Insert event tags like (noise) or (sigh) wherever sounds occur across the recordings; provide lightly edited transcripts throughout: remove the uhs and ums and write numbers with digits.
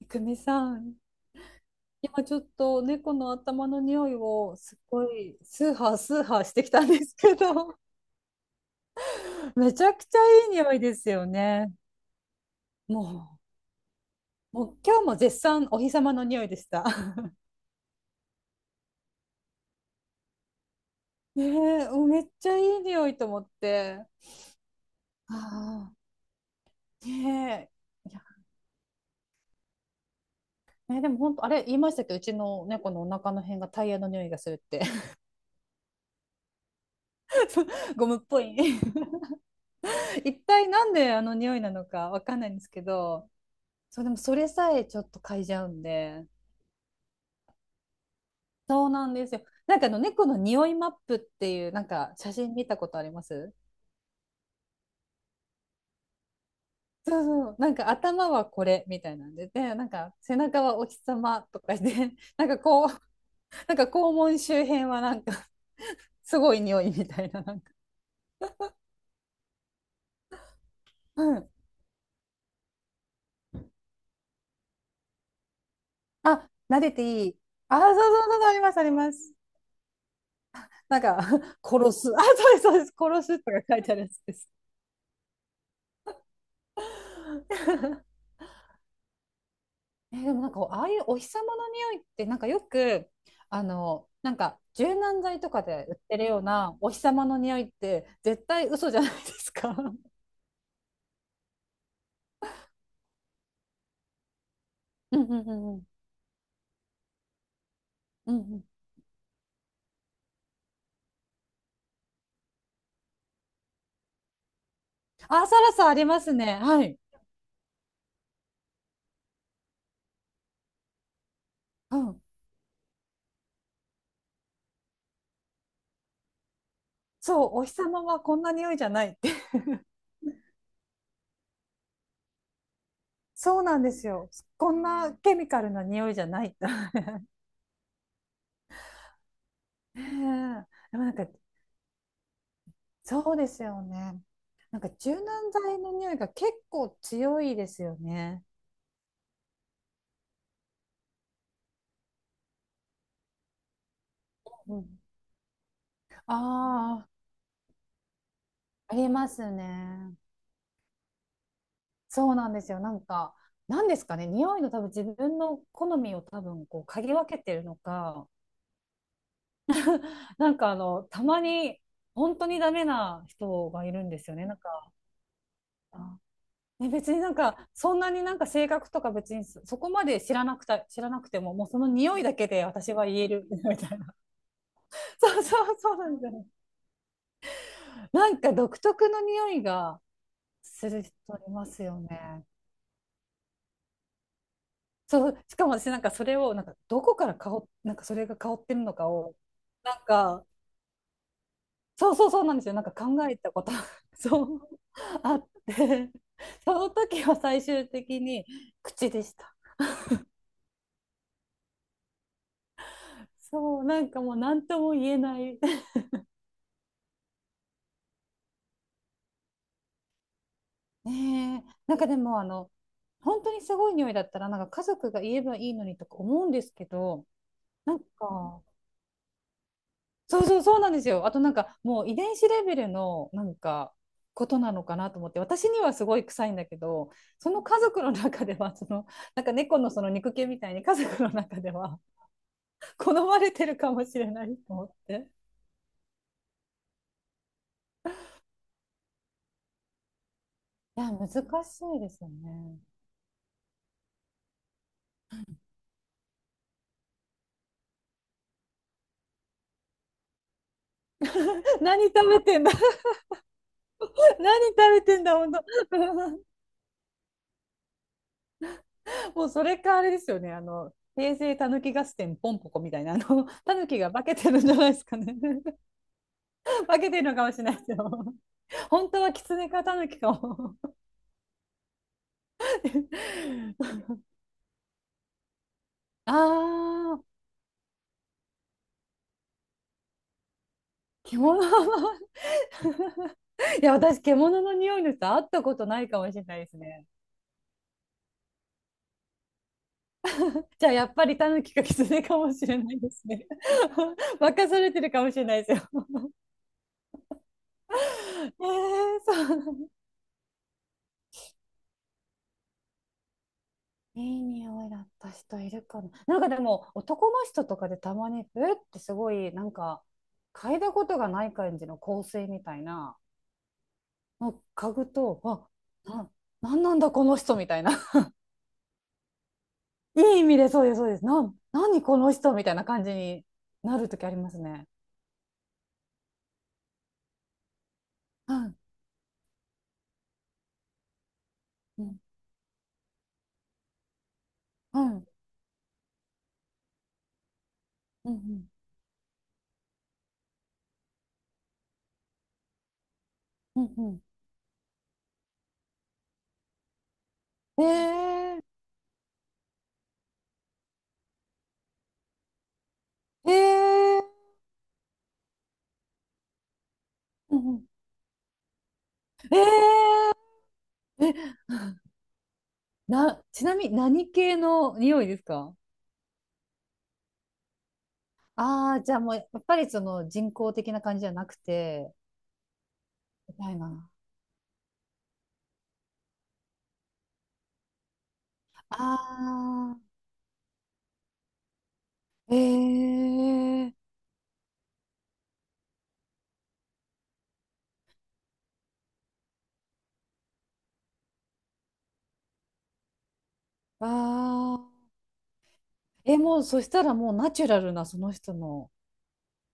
いくみさん、今ちょっと猫の頭の匂いをすごいスーハースーハーしてきたんですけど、(laughs) めちゃくちゃいい匂いですよね。ももう今日も絶賛お日様の匂いでした。(laughs) ねえ、もうめっちゃいい匂いと思って。ああ、ねえ。いやね、でも本当、あれ言いましたっけど、うちの猫のお腹の辺がタイヤの匂いがするって、(laughs) ゴムっぽい。(laughs) 一体なんであの匂いなのかわかんないんですけど、そう、でもそれさえちょっと嗅いじゃうんで。そうなんですよ。なんかあの猫の匂いマップっていうなんか写真見たことあります？そうそう。なんか頭はこれみたいなんで、で、なんか背中はお日様とかで、(laughs) なんかこう、なんか肛門周辺はなんかすごい匂いみたいな、なんか。うん。あ、撫でていい。あ、そうそうそうそう、あります、あります。なんか、(laughs) 殺す。あ、そうです、そうです。殺すとか書いてあるやつです。(laughs) でもなんかああいうお日様の匂いってなんかよくあのなんか柔軟剤とかで売ってるようなお日様の匂いって絶対嘘じゃないですか。(laughs) うんうんうんうんうんうん、あ、サラサありますね。はい。うん。そう、お日様はこんな匂いじゃないって。(laughs) そうなんですよ。こんなケミカルな匂いじゃないって。(laughs) ねえ、でもなんかそうですよね。なんか柔軟剤の匂いが結構強いですよね。うん、ああ。ありますね。そうなんですよ。なんか、なんですかね、匂いの多分自分の好みを多分こう嗅ぎ分けてるのか、なんかあの、たまに本当にダメな人がいるんですよね。なんか、あね、別になんか、そんなになんか性格とか別にそそこまで知らなくても、もうその匂いだけで私は言える (laughs) みたいな。そうそうそうなんですよね。なんか独特の匂いがする人いますよね。そうしかも私なんかそれをなんかどこから香っなんかそれが香ってるのかをなんかそうそうそうなんですよ、なんか考えたこと (laughs) そうあって、その時は最終的に口でした。そう、なんかもう何とも言えない、ねえ、なんかでもあの本当にすごい匂いだったらなんか家族が言えばいいのにとか思うんですけど、なんかそうそうそうなんですよ。あとなんかもう遺伝子レベルのなんかことなのかなと思って、私にはすごい臭いんだけど、その家族の中では、そのなんか猫のその肉球みたいに家族の中では好まれてるかもしれないと思って、いや難しいですよね。何食べてんだ？ (laughs) 何食べてんだ本当。 (laughs) もうそれかあれですよね、あの平成たぬき合戦ポンポコみたいな、あのたぬきが化けてるんじゃないですかね。 (laughs) 化けてるのかもしれないですよ。本当は狐かタヌキかも。(laughs) ああ、獣の、(laughs) いや、私、獣の匂いの人、会ったことないかもしれないですね。じゃあ、やっぱりタヌキか狐かもしれないですね。(laughs) 任されてるかもしれないですよ。(laughs) えー、そうなの。いい匂いだった人いるかな。なんかでも、男の人とかでたまに、えってすごい、なんか、嗅いだことがない感じの香水みたいな、もう嗅ぐと、あ、な、なんなんだこの人みたいな。いい意味でそうです、そうです。なん、何この人みたいな感じになるときありますね。はい、うん、はい、うん、うん、うん、うん。えー、えー、うんうん、えー、え、ちなみに何系の匂いですか？ああー、じゃあもう、やっぱりその人工的な感じじゃなくて、みたいな。ああ、ええ、ああ、え、もうそしたらもうナチュラルなその人の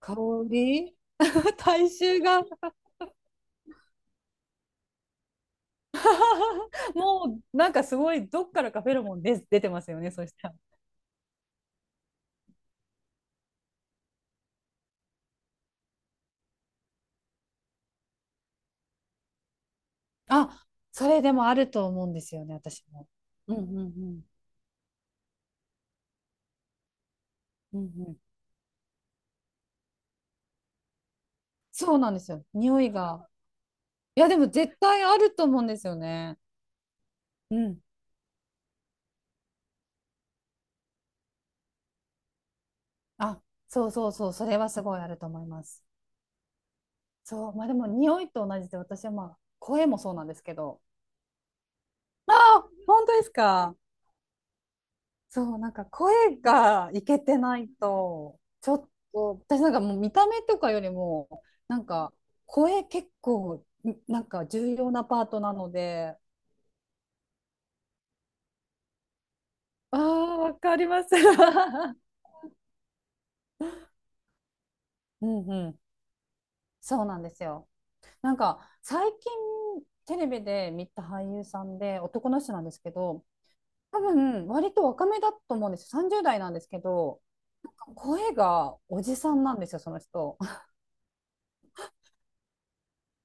香り、(laughs) 体臭が。 (laughs) もうなんかすごいどっからかフェロモンで出てますよね、そしたら。あ、それでもあると思うんですよね、私も。うんうんうんうんうん、そうなんですよ。匂いが。いや、でも絶対あると思うんですよね。うん、あ、そうそうそう、それはすごいあると思います。そう、まあでも匂いと同じで、私はまあ声もそうなんですけど。ああ、本当ですか。そう、なんか声がいけてないと、ちょっと、私なんかもう見た目とかよりも、なんか声結構、なんか重要なパートなので、ああ、わかります。(laughs) うんうん、そうなんですよ。なんか最近テレビで見た俳優さんで男の人なんですけど、多分割と若めだと思うんですよ。30代なんですけど、なんか声がおじさんなんですよ、その人。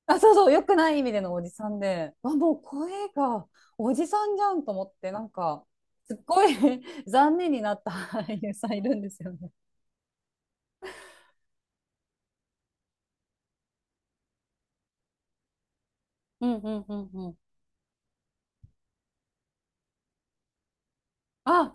あ、そうそう、良くない意味でのおじさんで、あ、もう声がおじさんじゃんと思って、なんか、すっごい (laughs) 残念になった俳優さんいるんですよね。うんうんうんうん。あ、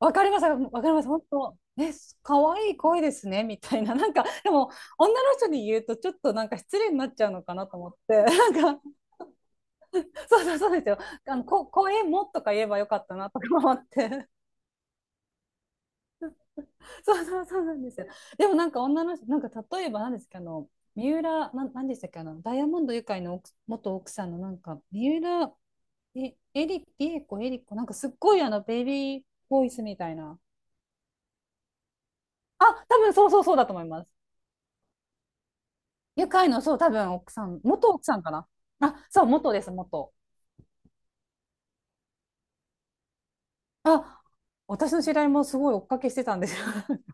わかりました、わかります、本当。え、可愛い声ですね、みたいな。なんか、でも、女の人に言うと、ちょっとなんか失礼になっちゃうのかなと思って、なんか、そうそうそうですよ。あの、声もとか言えばよかったなとか思って。(laughs) そうそうそうなんですよ。でもなんか女の人、なんか例えば何ですか、あの、三浦、なん、なんでしたっけ、あの、ダイヤモンドユカイの奥さんのなんか、三浦、え、エリ、リエコ、エリコ、なんかすっごいあの、ベイビーボイスみたいな。あ、多分そうそうそうだと思います。ユカイの、そう、多分奥さん、元奥さんかな。あ、そう、元です、元。あ、私の知り合いもすごい追っかけしてたんですよ。(laughs)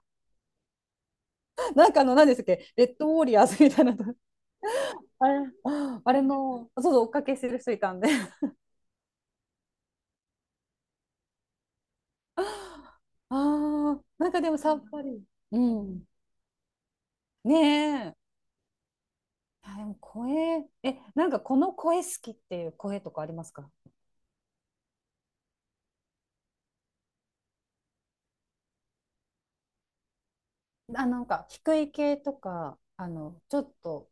なんかあの、何でしたっけ、レッドウォーリアーズみたいなとあれ、あれの、そうそう、追っかけしてる人いたんで。ああー、なんかでもさっぱり。うん。ねえ。あでも声、え、なんかこの声好きっていう声とかありますか？あ、なんか低い系とか、あの、ちょっと、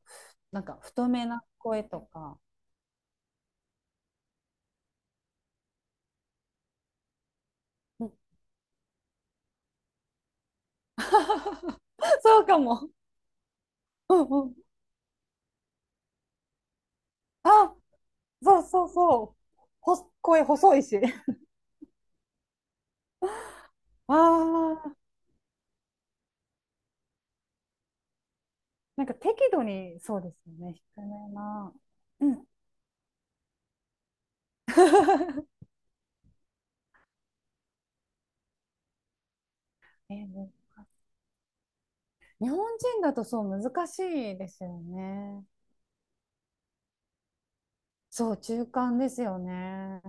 なんか太めな声とか。うん。 (laughs) そうかも。うんうん。あ、そうそうそう。声細いし。(laughs) ああ、なんか適度にそうですよね。低めな。うん。(laughs) えー、日本人だとそう難しいですよね。そう、中間ですよね。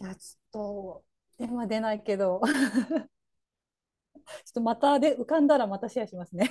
いや、ちょっと、電話出ないけど、(laughs) ちょっとまたで浮かんだらまたシェアしますね。